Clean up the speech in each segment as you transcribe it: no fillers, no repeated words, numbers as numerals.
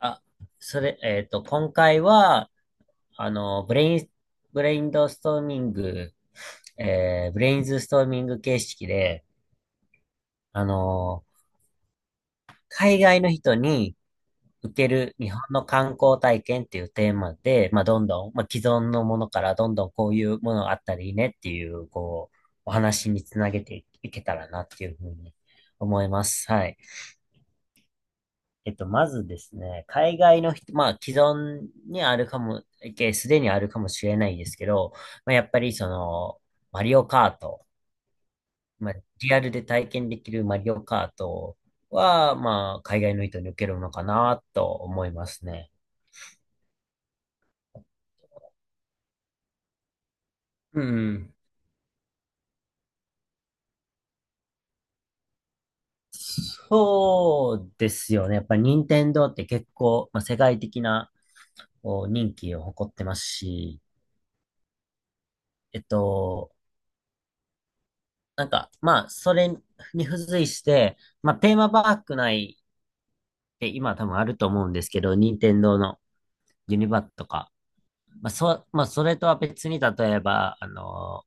あ、それ、今回は、あの、ブレイン、ブレインドストーミング、ブレインズストーミング形式で、あの、海外の人に受ける日本の観光体験っていうテーマで、まあ、どんどん、まあ、既存のものからどんどんこういうものがあったらいいねっていう、こう、お話につなげていけたらなっていうふうに思います。はい。まずですね、海外の人、まあ、既存にあるかも、えすでにあるかもしれないですけど、まあ、やっぱりその、マリオカート、まあ、リアルで体験できるマリオカートは、まあ、海外の人に受けるのかなと思いますね。うん。そうですよね。やっぱり任天堂って結構、まあ、世界的なこう人気を誇ってますし、えっと、まあ、それに付随して、まあ、テーマパーク内って今多分あると思うんですけど、任天堂のユニバとか、まあ、それとは別に、例えば、あの、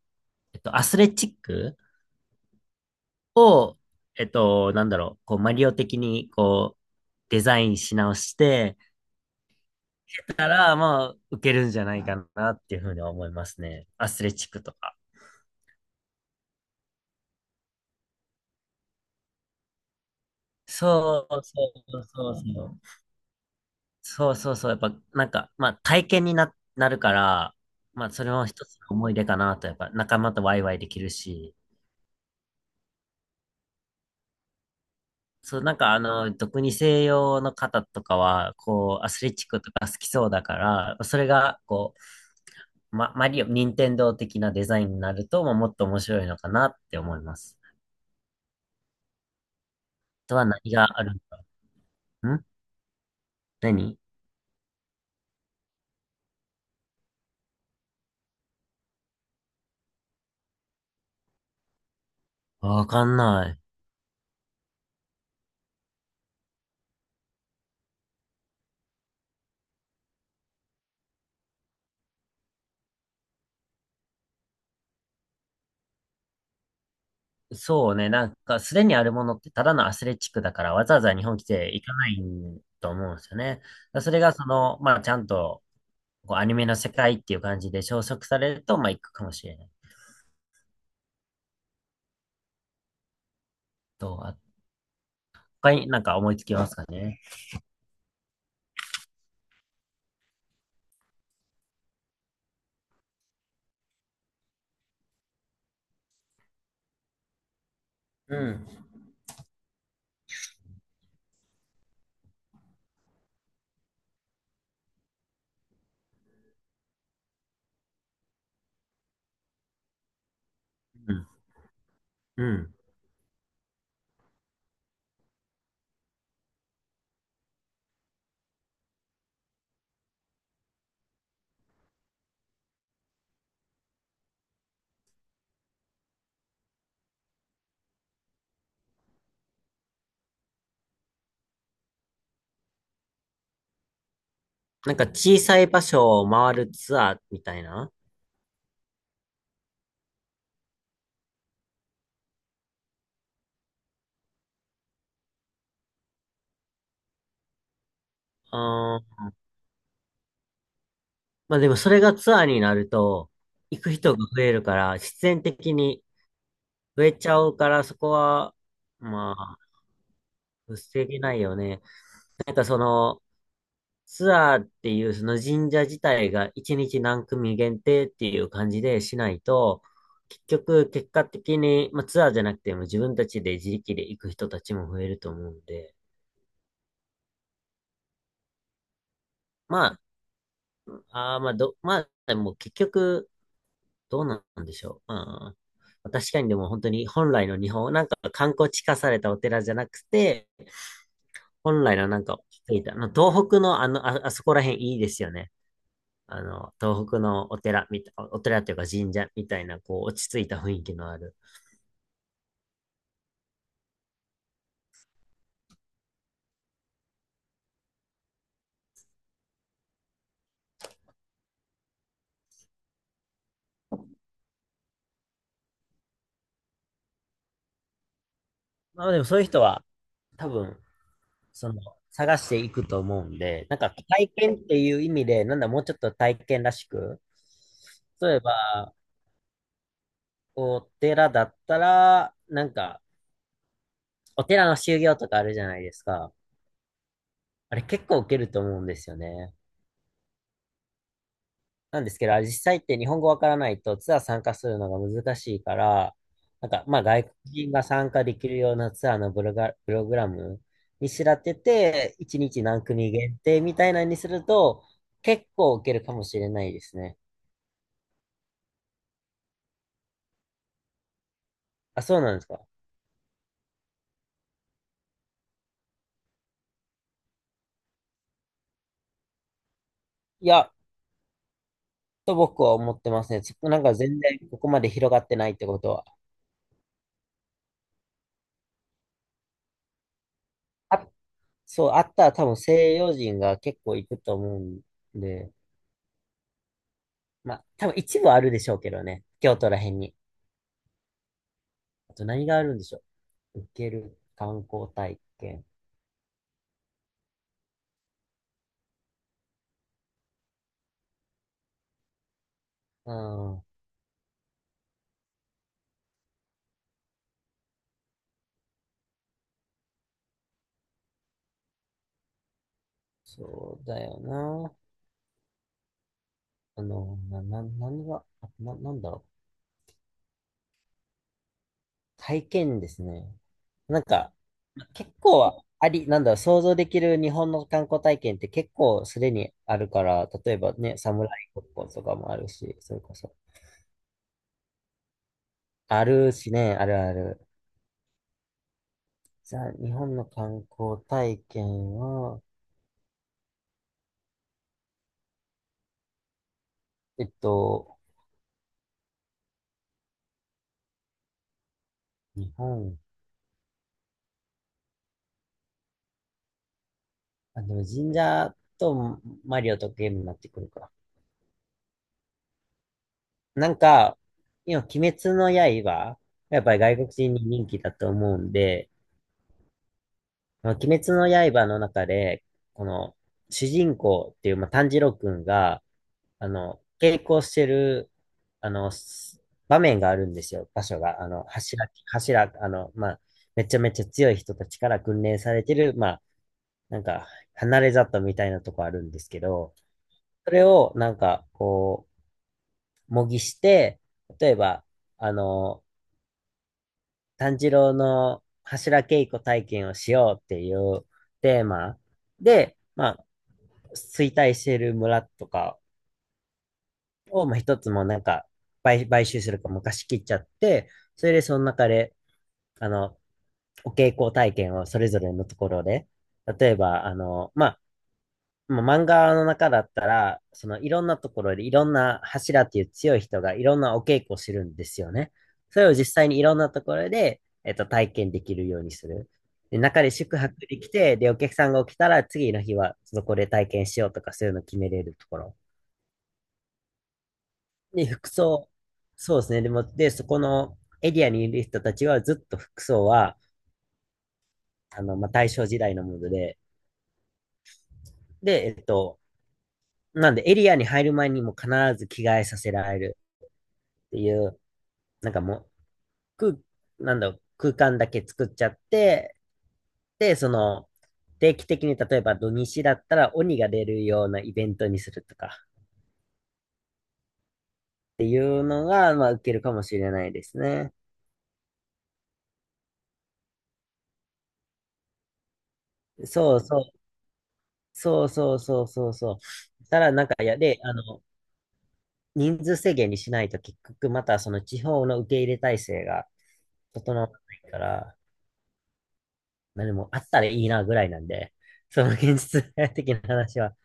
えっと、アスレチックを、こう、マリオ的に、こう、デザインし直して、たら、まあ、受けるんじゃないかなっていうふうに思いますね。アスレチックとか。そうそうそうそう。そうそうそう。やっぱ、なんか、まあ、体験にな、なるから、まあ、それも一つの思い出かなと、やっぱ、仲間とワイワイできるし、そう、なんか、あの、特に西洋の方とかは、こう、アスレチックとか好きそうだから、それが、こう、マリオ、任天堂的なデザインになると、まあ、もっと面白いのかなって思います。あとは何があるんだろう。何わかんない。そうね、なんか、すでにあるものってただのアスレチックだから、わざわざ日本来て行かないと思うんですよね。だからそれが、その、まあ、ちゃんと、こう、アニメの世界っていう感じで消息されると、まあ、行くかもしれない。と、あ他になんか思いつきますかね。うん。うん。うんなんか、小さい場所を回るツアーみたいな。あーまあ、でも、それがツアーになると、行く人が増えるから、必然的に増えちゃうから、そこは、まあ、防げないよね。なんかその、ツアーっていうその神社自体が一日何組限定っていう感じでしないと、結局結果的に、まあ、ツアーじゃなくても自分たちで自力で行く人たちも増えると思うんで、まあ、あーまあど、まあ、でも結局どうなんでしょう。うんまあ、確かにでも本当に本来の日本、なんか観光地化されたお寺じゃなくて、本来のなんか、あの東北のあの、あ、あそこら辺いいですよね。あの、東北のお寺みた、お寺というか神社みたいな、こう、落ち着いた雰囲気のある。まあでもそういう人は、多分、その、探していくと思うんで、なんか体験っていう意味で、なんだ、もうちょっと体験らしく、例えば、お寺だったら、なんか、お寺の修行とかあるじゃないですか。あれ結構受けると思うんですよね。なんですけど、あれ実際って日本語わからないとツアー参加するのが難しいから、なんか、まあ外国人が参加できるようなツアーのブロガ、プログラムにしらってて、1日何組限定みたいなのにすると、結構受けるかもしれないですね。あ、そうなんですか。いや、と僕は思ってますね。ちょっとなんか全然ここまで広がってないってことは。あ、そう、あったら多分西洋人が結構行くと思うんで、まあ多分一部あるでしょうけどね。京都ら辺に。あと何があるんでしょう。受ける観光体験。うん、そうだよな。あの、な、な、何が、あな、なんだろう。体験ですね。なんか、結構あり、なんだろう、想像できる日本の観光体験って結構すでにあるから、例えばね、侍ごっことかもあるし、それこそ。あるしね、あるある。じゃあ、日本の観光体験は、えっと、日本、あ、でも神社とマリオとゲームになってくるか。なんか、今、鬼滅の刃、やっぱり外国人に人気だと思うんで、まあ鬼滅の刃の中で、この、主人公っていう、まあ、炭治郎くんが、あの、稽古してる、あの、す場面があるんですよ、場所が。あの、柱、あの、まあ、めちゃめちゃ強い人たちから訓練されてる、まあ、なんか、離れ里みたいなとこあるんですけど、それを、なんか、こう、模擬して、例えば、あの、炭治郎の柱稽古体験をしようっていうテーマで、まあ、衰退している村とかを、まあ、一つもなんか買収するか昔切っちゃって、それでその中で、あの、お稽古体験をそれぞれのところで、例えば、もう漫画の中だったら、そのいろんなところでいろんな柱っていう強い人がいろんなお稽古をしてるんですよね。それを実際にいろんなところで、えっと、体験できるようにする。で、中で宿泊できて、で、お客さんが起きたら次の日はそこで体験しようとかそういうのを決めれるところ。で、服装。そうですね。でも、で、そこのエリアにいる人たちはずっと服装は、あの、まあ、大正時代のもので、で、えっと、なんでエリアに入る前にも必ず着替えさせられるっていう、なんかもう、空、なんだろう、空間だけ作っちゃって、で、その、定期的に例えば土日だったら鬼が出るようなイベントにするとかっていうのが、まあ、受けるかもしれないですね。そうそう、そうそうそうそうそう。ただなんか、いや、で、あの、人数制限にしないと結局またその地方の受け入れ体制が整わないから、まあでもあったらいいなぐらいなんで、その現実的な話は、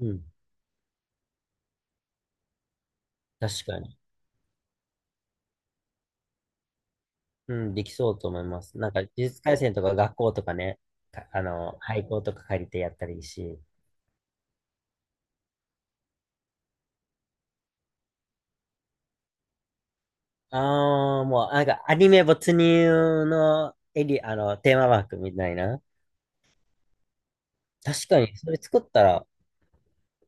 うん、確かに。うん、できそうと思います。なんか、呪術廻戦とか学校とかね、かあの、廃校とか借りてやったらいいし。ああ、もう、なんか、アニメ没入のエリ、あの、テーマパークみたいな。確かに、それ作ったら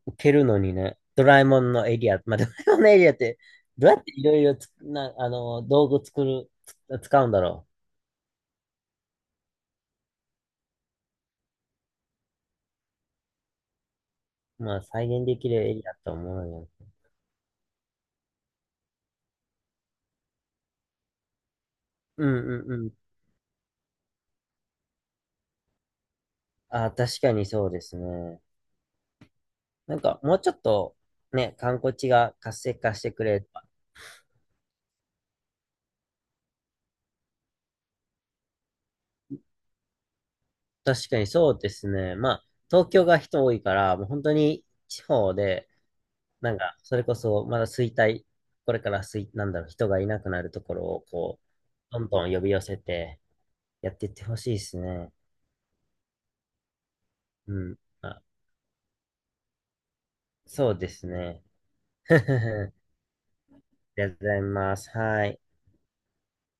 受けるのにね。ドラえもんのエリアって、どうやっていろいろつく、な、あの、道具作る、つ使うんだろう。まあ、再現できるエリアと思うよ。うんうんうん。ああ、確かにそうですね。なんか、もうちょっと、ね、観光地が活性化してくれれば。確かにそうですね。まあ、東京が人多いから、もう本当に地方で、なんか、それこそ、まだ衰退、これから衰、なんだろう、人がいなくなるところを、こう、どんどん呼び寄せて、やっていってほしいですね。うん。まあ、そうですね。ありがとうございます。はい。